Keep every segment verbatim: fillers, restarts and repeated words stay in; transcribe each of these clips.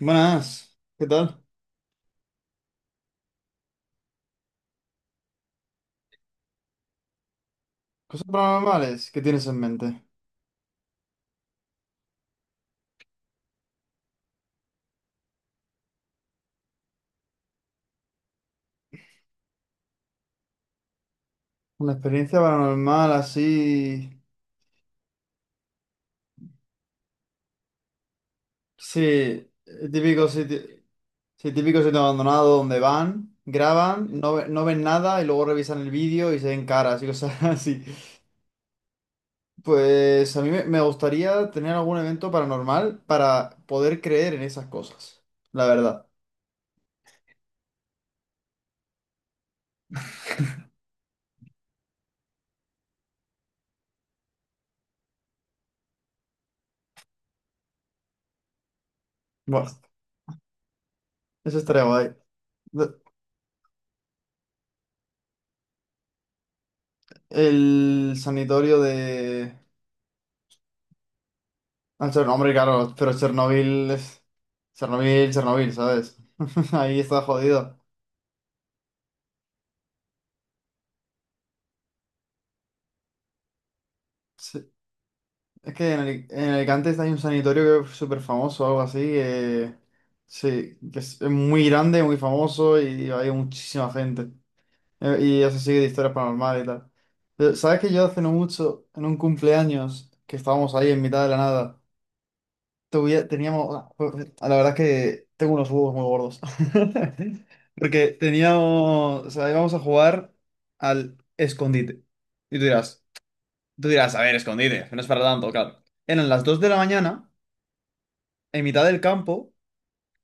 Buenas, ¿qué tal? ¿Cosas paranormales? ¿Qué tienes en mente? Una experiencia paranormal así. Sí, el típico sitio, sí, típico sitio abandonado donde van, graban, no, ve- no ven nada y luego revisan el vídeo y se ven caras y cosas así. Pues a mí me me gustaría tener algún evento paranormal para poder creer en esas cosas, la verdad. Bueno, eso estaría guay. El sanitorio de... Ah, Cher- hombre, claro, pero Chernobyl es... Chernobyl, Chernobyl, ¿sabes? Ahí está jodido. Sí, es que en, Ali- en Alicante hay un sanatorio que es súper famoso, algo así. Eh, sí, que es muy grande, muy famoso y hay muchísima gente. Eh, y eso sigue de historias paranormales y tal. Pero, ¿sabes que yo hace no mucho, en un cumpleaños, que estábamos ahí en mitad de la nada? Tuvi- teníamos, la verdad es que tengo unos huevos muy gordos. Porque teníamos, o sea, íbamos a jugar al escondite. Y tú dirás, tú dirás, a ver, escondite, que no es para tanto, claro. Eran las dos de la mañana, en mitad del campo,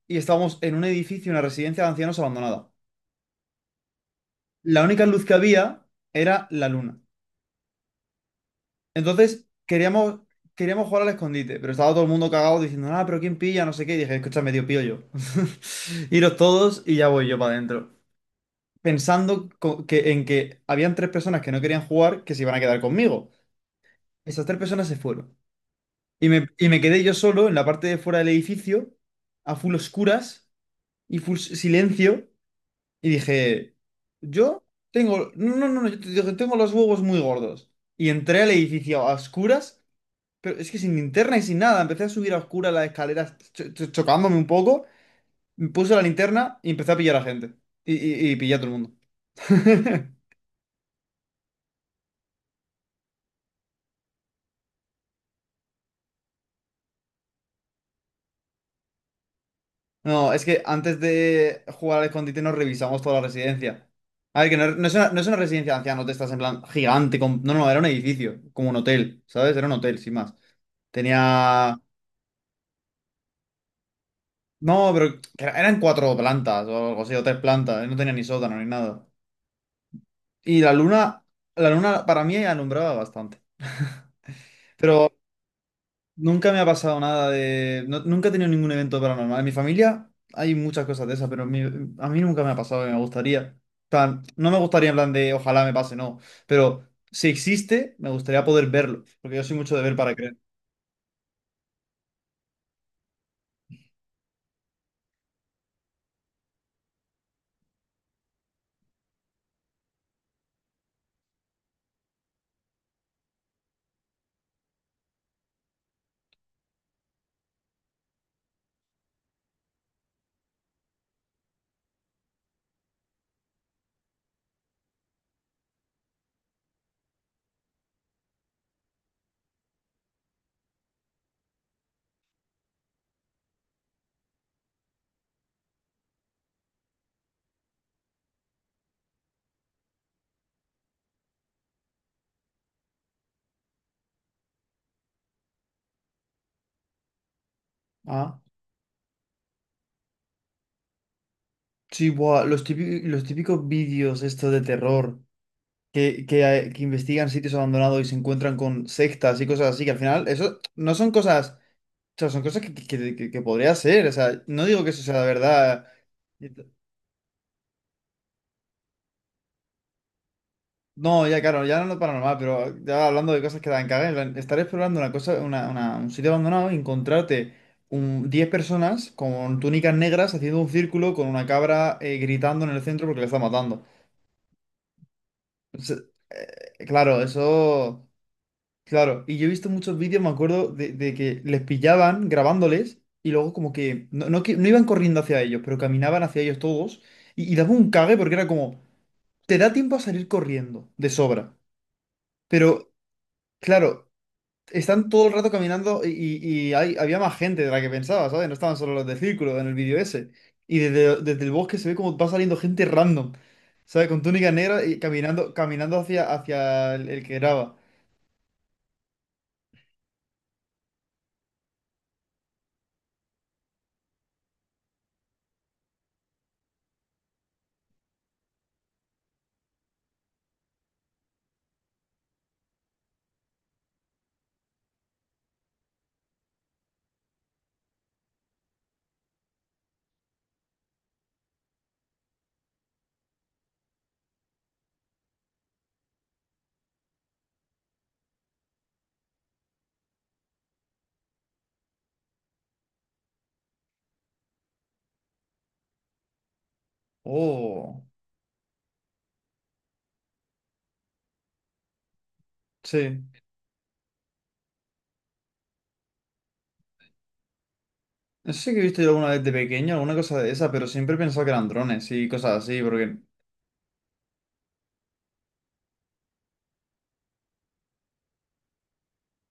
y estábamos en un edificio, una residencia de ancianos abandonada. La única luz que había era la luna. Entonces, queríamos, queríamos jugar al escondite, pero estaba todo el mundo cagado diciendo, ah, pero ¿quién pilla? No sé qué. Y dije, escúchame, tío, pillo yo. Iros todos y ya voy yo para adentro. Pensando co- que, en que habían tres personas que no querían jugar que se iban a quedar conmigo. Esas tres personas se fueron. Y me, y me quedé yo solo en la parte de fuera del edificio, a full oscuras y full s- silencio. Y dije, yo tengo, no, no, no, yo te- tengo los huevos muy gordos. Y entré al edificio a oscuras, pero es que sin linterna y sin nada, empecé a subir a oscuras las escaleras, cho- cho- chocándome un poco, me puse la linterna y empecé a pillar a gente. Y, y, y pillé a todo el mundo. No, es que antes de jugar al escondite nos revisamos toda la residencia. A ver, que no, no es una, no es una residencia de ancianos, te estás en plan gigante. Con... No, no, era un edificio, como un hotel, ¿sabes? Era un hotel, sin más. Tenía... No, pero que era- eran cuatro plantas o algo así, o tres plantas. No tenía ni sótano ni nada. Y la luna, la luna para mí alumbraba bastante. Pero nunca me ha pasado nada de... no- nunca he tenido ningún evento paranormal. En mi familia hay muchas cosas de esas, pero en mi- a mí nunca me ha pasado y me gustaría. Tan, no me gustaría en plan de ojalá me pase, no. Pero si existe, me gustaría poder verlo, porque yo soy mucho de ver para creer. Ah, sí, buah, los típi- los típicos vídeos estos de terror que, que, hay- que investigan sitios abandonados y se encuentran con sectas y cosas así, que al final eso no son cosas... O sea, son cosas que, que, que, que podría ser. O sea, no digo que eso sea la verdad. No, ya claro, ya no es paranormal, pero ya hablando de cosas que dan caga, en plan, estar explorando una cosa, una, una- un sitio abandonado y encontrarte un, diez personas con túnicas negras haciendo un círculo con una cabra, eh, gritando en el centro porque le está matando. O sea, eh, claro, eso... Claro, y yo he visto muchos vídeos, me acuerdo, de, de que les pillaban grabándoles y luego como que no, no, que- no iban corriendo hacia ellos, pero caminaban hacia ellos todos y, y daba un cague porque era como, te da tiempo a salir corriendo de sobra, pero... Claro, están todo el rato caminando y, y- y hay, había más gente de la que pensaba, ¿sabes? No estaban solo los del círculo en el vídeo ese. Y desde, desde el bosque se ve como va saliendo gente random, ¿sabes? Con túnica negra y caminando, caminando hacia, hacia el, el que graba. Oh, sí. No sé si he visto yo alguna vez de pequeño alguna cosa de esa, pero siempre he pensado que eran drones y cosas así, porque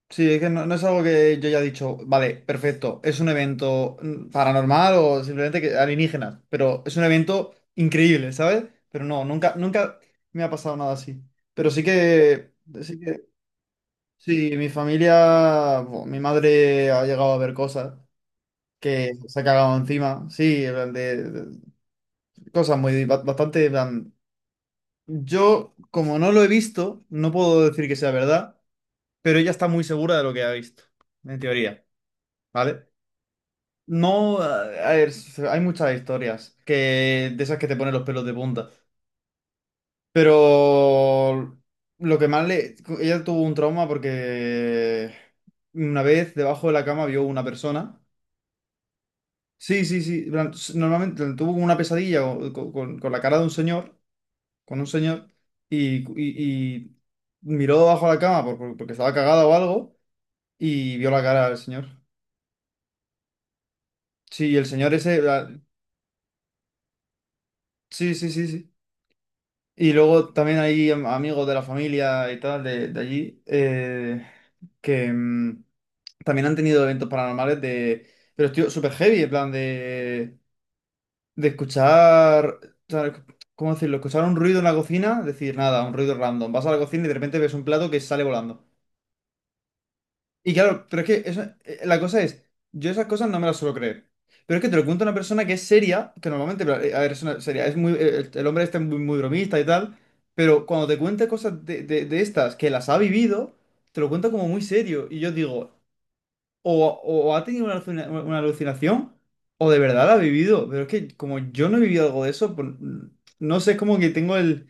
sí, es que no, no es algo que yo haya dicho, vale, perfecto, es un evento mm, paranormal o simplemente que alienígenas, pero es un evento increíble, ¿sabes? Pero no, nunca, nunca me ha pasado nada así. Pero sí que, sí que, sí, mi familia, bo, mi madre ha llegado a ver cosas que se ha cagado encima, sí, en plan de, de- cosas muy, ba- bastante, en plan, yo, como no lo he visto, no puedo decir que sea verdad, pero ella está muy segura de lo que ha visto, en teoría, ¿vale? No, a ver, hay muchas historias que, de esas que te ponen los pelos de punta. Pero lo que más le... Ella tuvo un trauma porque una vez debajo de la cama vio una persona. Sí, sí, sí. En plan, s- normalmente tuvo como una pesadilla o- con, con- con la cara de un señor, con un señor, y, y- y miró debajo de la cama por- por- porque estaba cagada o algo y vio la cara del señor. Sí, y el señor ese... la- sí, sí, sí, sí. Y luego también hay am- amigos de la familia y tal de, de allí, eh, que mm, también han tenido eventos paranormales de... Pero estoy súper heavy, en plan de, de escuchar... ¿sabes? ¿Cómo decirlo? Escuchar un ruido en la cocina, decir nada, un ruido random. Vas a la cocina y de repente ves un plato que sale volando. Y claro, pero es que eso- eh, la cosa es, yo esas cosas no me las suelo creer. Pero es que te lo cuento a una persona que es seria, que normalmente, pero, eh, a ver, es una seria, es muy, eh, el, el hombre este es muy, muy bromista y tal, pero cuando te cuenta cosas de, de- de estas que las ha vivido, te lo cuenta como muy serio. Y yo digo, o, o ha tenido una, alucina- una alucinación, o de verdad la ha vivido. Pero es que como yo no he vivido algo de eso, pues, mm, no sé, es como que tengo el...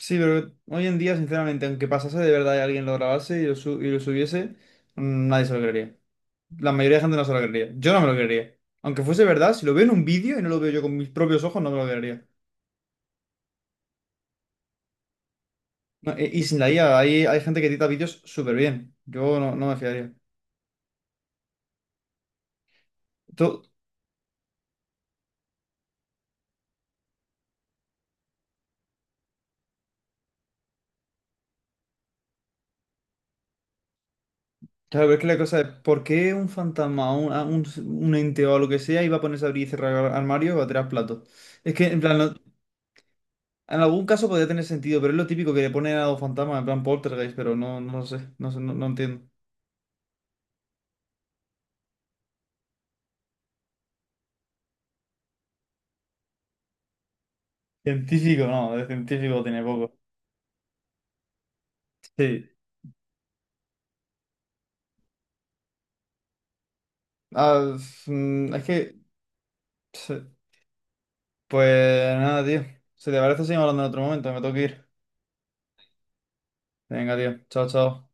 Sí, pero hoy en día, sinceramente, aunque pasase de verdad y alguien lo grabase y lo, su- y lo subiese, mm, nadie se lo creería. La mayoría de gente no se lo creería. Yo no me lo creería. Aunque fuese verdad, si lo veo en un vídeo y no lo veo yo con mis propios ojos, no me lo creería. No, e- y sin la I A, hay, hay gente que edita vídeos súper bien. Yo no, no me fiaría. Tú- claro, pero es que la cosa es, ¿por qué un fantasma, un, a- un, un ente o lo que sea iba a ponerse a abrir y cerrar armario o a tirar platos? Es que, en plan, no- en algún caso podría tener sentido, pero es lo típico que le ponen a los fantasmas, en plan poltergeist, pero no, no lo sé, no sé, no, no entiendo. Científico, no, de científico tiene poco. Sí. Ah, mm, es que... sí. Pues nada, tío. Si te parece, seguimos hablando en otro momento. Me tengo que ir. Venga, tío. Chao, chao.